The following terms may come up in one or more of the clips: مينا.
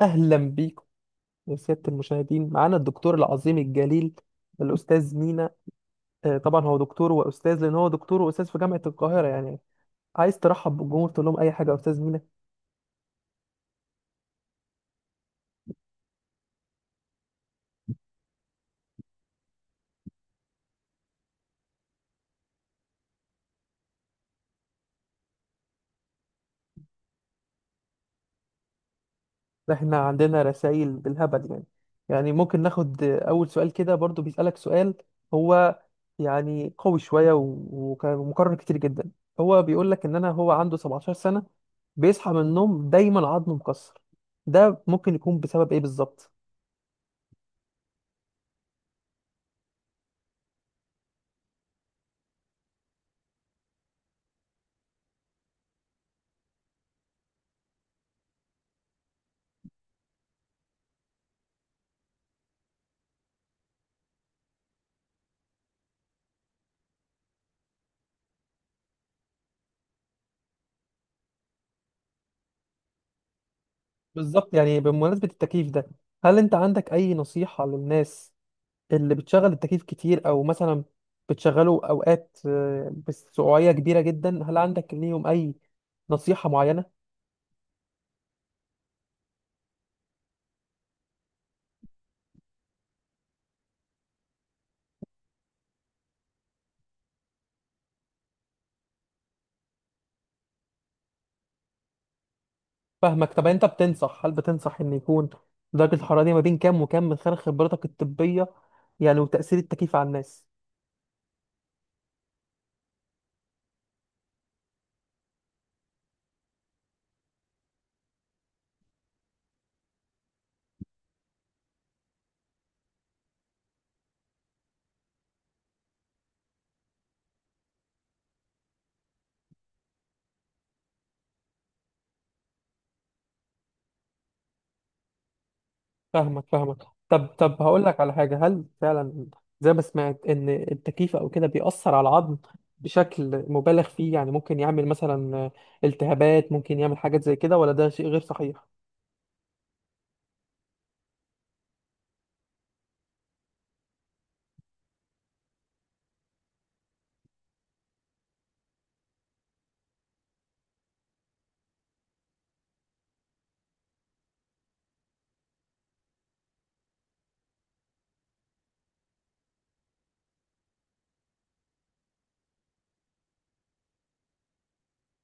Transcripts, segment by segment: اهلا بيكم يا سياده المشاهدين، معانا الدكتور العظيم الجليل الاستاذ مينا. طبعا هو دكتور واستاذ لان هو دكتور واستاذ في جامعه القاهره يعني. عايز ترحب بالجمهور، تقول لهم اي حاجه يا استاذ مينا؟ ده احنا عندنا رسائل بالهبل يعني. يعني ممكن ناخد اول سؤال كده؟ برضو بيسالك سؤال، هو يعني قوي شويه ومكرر كتير جدا. هو بيقول لك ان انا هو عنده 17 سنه، بيصحى من النوم دايما عضمه مكسر، ده ممكن يكون بسبب ايه بالظبط؟ بالظبط. يعني بمناسبة التكييف ده، هل انت عندك اي نصيحة للناس اللي بتشغل التكييف كتير، او مثلا بتشغله اوقات بسعوعية كبيرة جدا؟ هل عندك ليهم اي نصيحة معينة؟ فاهمك. طب انت بتنصح، هل بتنصح ان يكون درجة الحرارة دي ما بين كام وكام، من خلال خبرتك الطبية يعني، وتأثير التكييف على الناس؟ فاهمك. طب هقول لك على حاجة. هل فعلا زي ما سمعت ان التكييف او كده بيأثر على العظم بشكل مبالغ فيه؟ يعني ممكن يعمل مثلا التهابات، ممكن يعمل حاجات زي كده، ولا ده شيء غير صحيح؟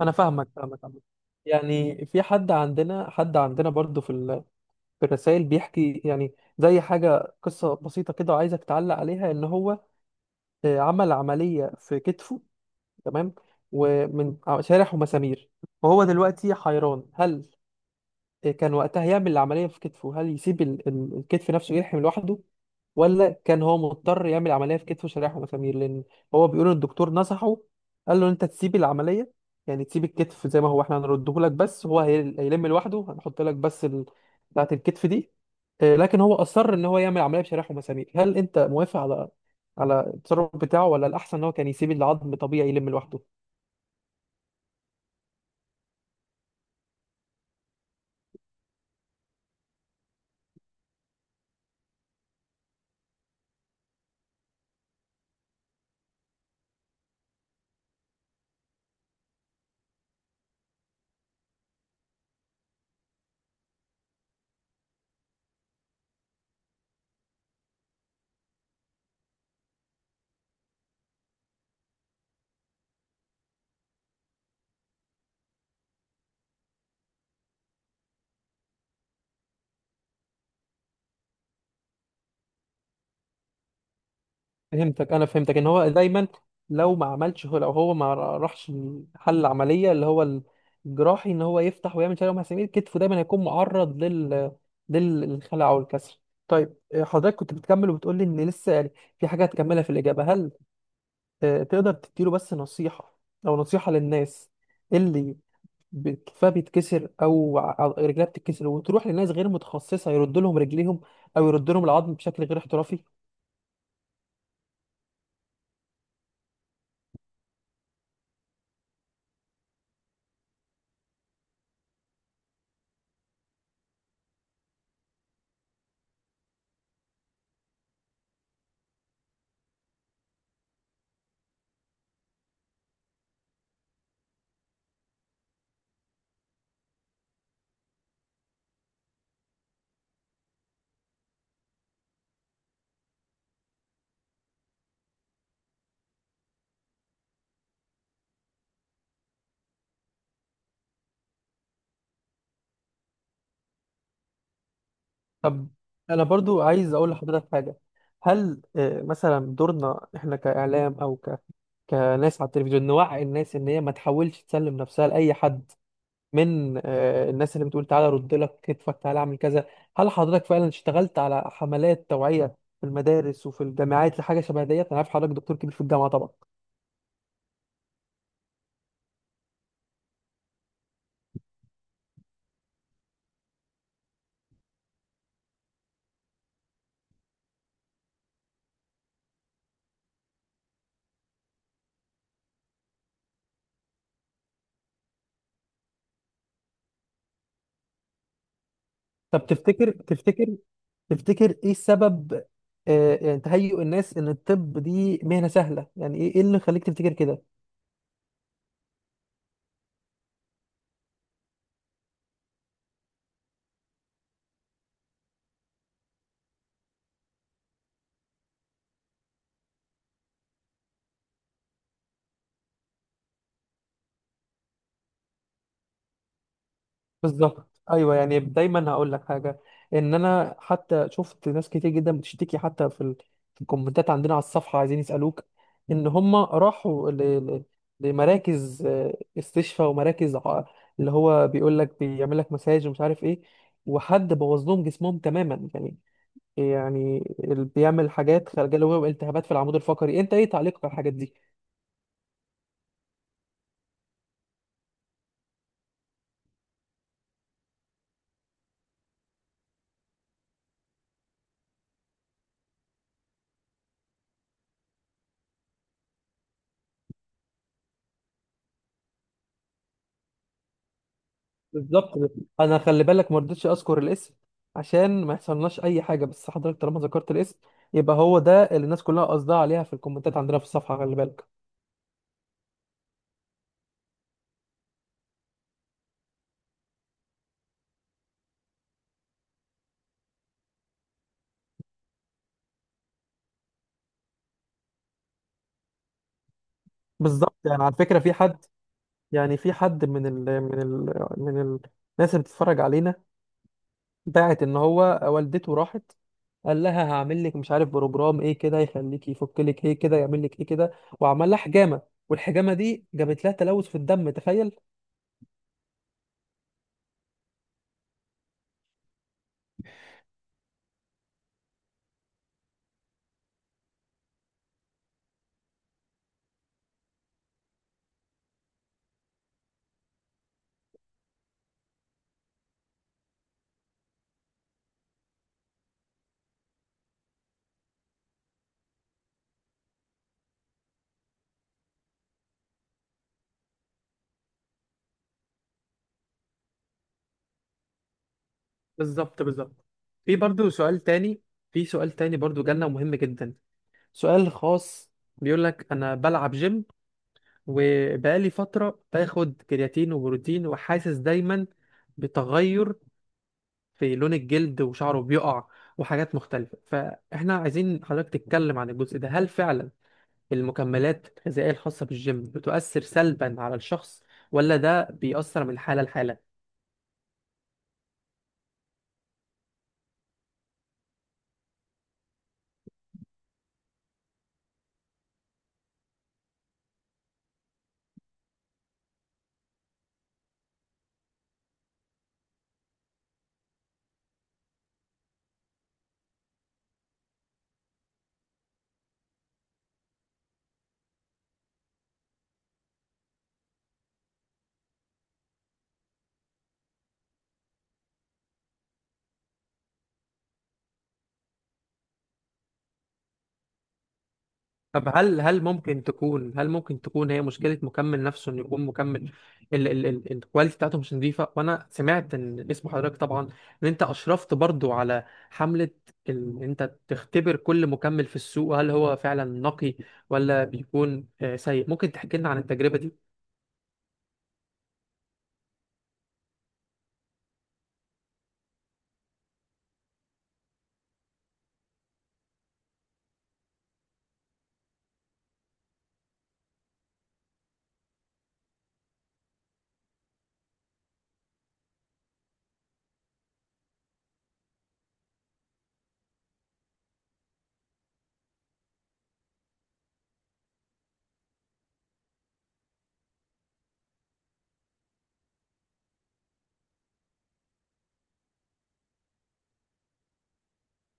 انا فاهمك عمد. يعني في حد عندنا، برضو في الرسائل بيحكي يعني زي حاجة، قصة بسيطة كده وعايزك تعلق عليها. ان هو عمل عملية في كتفه، تمام، ومن شارح ومسامير، وهو دلوقتي حيران. هل كان وقتها يعمل العملية في كتفه؟ هل يسيب الكتف نفسه يلحم لوحده، ولا كان هو مضطر يعمل عملية في كتفه شرايح ومسامير؟ لأن هو بيقول إن الدكتور نصحه، قال له إن أنت تسيب العملية، يعني تسيب الكتف زي ما هو، إحنا هنرده لك بس، هو هيلم لوحده، هنحط لك بس بتاعة الكتف دي، لكن هو أصر إن هو يعمل عملية بشرايح ومسامير. هل أنت موافق على التصرف بتاعه، ولا الأحسن إن هو كان يسيب العظم طبيعي يلم لوحده؟ انا فهمتك ان هو دايما، لو هو ما راحش حل العمليه اللي هو الجراحي، ان هو يفتح ويعمل شلل مسامير كتفه، دايما هيكون معرض لل للخلع او الكسر. طيب، حضرتك كنت بتكمل وبتقول لي ان لسه يعني في حاجه هتكملها في الاجابه. هل تقدر تديله بس نصيحه، او نصيحه للناس اللي كتفها بيتكسر، او أو رجلها بتتكسر، وتروح لناس غير متخصصه يرد لهم رجليهم، او يرد لهم العظم بشكل غير احترافي؟ طب انا برضو عايز اقول لحضرتك حاجه. هل مثلا دورنا احنا كاعلام او كناس على التلفزيون، نوعي الناس ان هي ما تحاولش تسلم نفسها لاي حد من الناس اللي بتقول تعالى رد لك كتفك، تعالى اعمل كذا؟ هل حضرتك فعلا اشتغلت على حملات توعيه في المدارس وفي الجامعات لحاجه شبه ديت؟ انا عارف حضرتك دكتور كبير في الجامعه طبعا. طب تفتكر ايه السبب؟ يعني تهيؤ الناس ان الطب دي مهنه سهله، يعني إيه اللي خليك تفتكر كده؟ بالظبط، ايوه. يعني دايما هقول لك حاجه، ان انا حتى شفت ناس كتير جدا بتشتكي، حتى في الكومنتات عندنا على الصفحه، عايزين يسالوك ان هم راحوا ل... لمراكز استشفاء، ومراكز اللي هو بيقول لك بيعمل لك مساج ومش عارف ايه، وحد بوظ لهم جسمهم تماما يعني. يعني اللي بيعمل حاجات خارجه له التهابات في العمود الفقري، انت ايه تعليقك على الحاجات دي؟ بالظبط. انا خلي بالك ما رضيتش اذكر الاسم عشان ما يحصلناش اي حاجه، بس حضرتك طالما ذكرت الاسم، يبقى هو ده اللي الناس كلها قصدها عليها في الكومنتات عندنا في الصفحه، خلي بالك. بالظبط. يعني على فكره، في حد يعني في حد من الناس اللي بتتفرج علينا، باعت ان هو والدته راحت، قال لها هعمل لك مش عارف بروجرام ايه كده، يخليك يفك لك ايه كده، يعمل لك ايه كده، وعمل لها حجامه، والحجامه دي جابت لها تلوث في الدم، تخيل. بالظبط، بالظبط. في برضو سؤال تاني في سؤال تاني برضو جالنا مهم جدا، سؤال خاص. بيقول لك انا بلعب جيم، وبقالي فترة باخد كرياتين وبروتين، وحاسس دايما بتغير في لون الجلد وشعره بيقع وحاجات مختلفة. فاحنا عايزين حضرتك تتكلم عن الجزء ده. هل فعلا المكملات الغذائية الخاصة بالجيم بتؤثر سلبا على الشخص، ولا ده بيأثر من حالة لحالة؟ طب، هل ممكن تكون هي مشكله مكمل نفسه، انه يكون مكمل ال ال ال الكواليتي بتاعته مش نظيفه؟ وانا سمعت ان اسم حضرتك طبعا، ان انت اشرفت برضو على حمله، ان انت تختبر كل مكمل في السوق هل هو فعلا نقي ولا بيكون سيء. ممكن تحكي لنا عن التجربه دي؟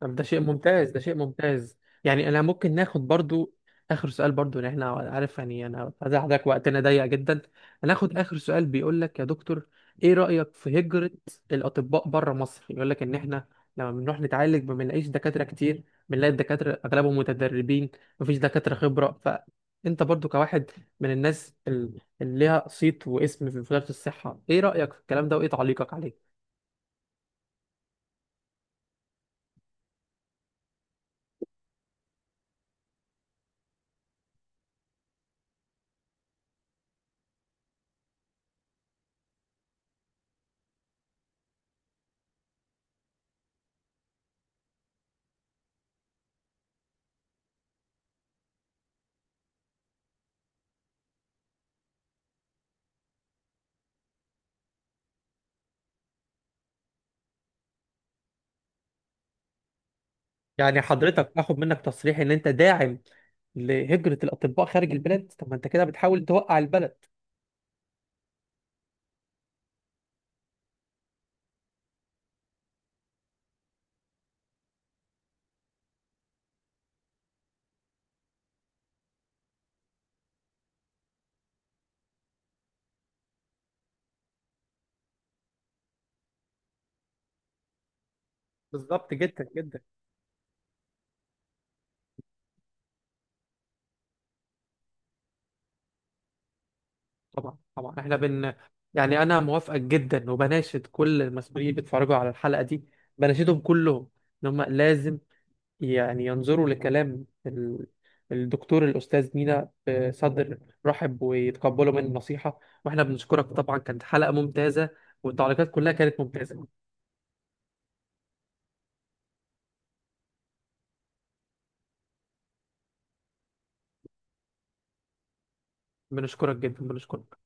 طب ده شيء ممتاز، ده شيء ممتاز. يعني انا ممكن ناخد برضو اخر سؤال برضو، لان احنا عارف يعني انا عايز حضرتك، وقتنا ضيق جدا. هناخد اخر سؤال. بيقول لك يا دكتور، ايه رأيك في هجرة الاطباء بره مصر؟ يقول لك ان احنا لما بنروح نتعالج ما بنلاقيش دكاترة كتير، بنلاقي الدكاترة اغلبهم متدربين، مفيش دكاترة خبرة. فانت برضو كواحد من الناس اللي ليها صيت واسم في وزارة الصحة، ايه رأيك في الكلام ده وايه تعليقك عليه؟ يعني حضرتك اخد منك تصريح ان انت داعم لهجرة الاطباء خارج البلاد؟ طب ما انت كده بتحاول توقع البلد. بالظبط جدا جدا. طبعا، طبعا، احنا بن يعني انا موافقك جدا، وبناشد كل المسؤولين اللي بيتفرجوا على الحلقة دي، بناشدهم كلهم ان هم لازم يعني ينظروا لكلام الدكتور الاستاذ مينا بصدر رحب، ويتقبلوا من النصيحة. واحنا بنشكرك طبعا، كانت حلقة ممتازة والتعليقات كلها كانت ممتازة. بنشكرك جدا، بنشكرك.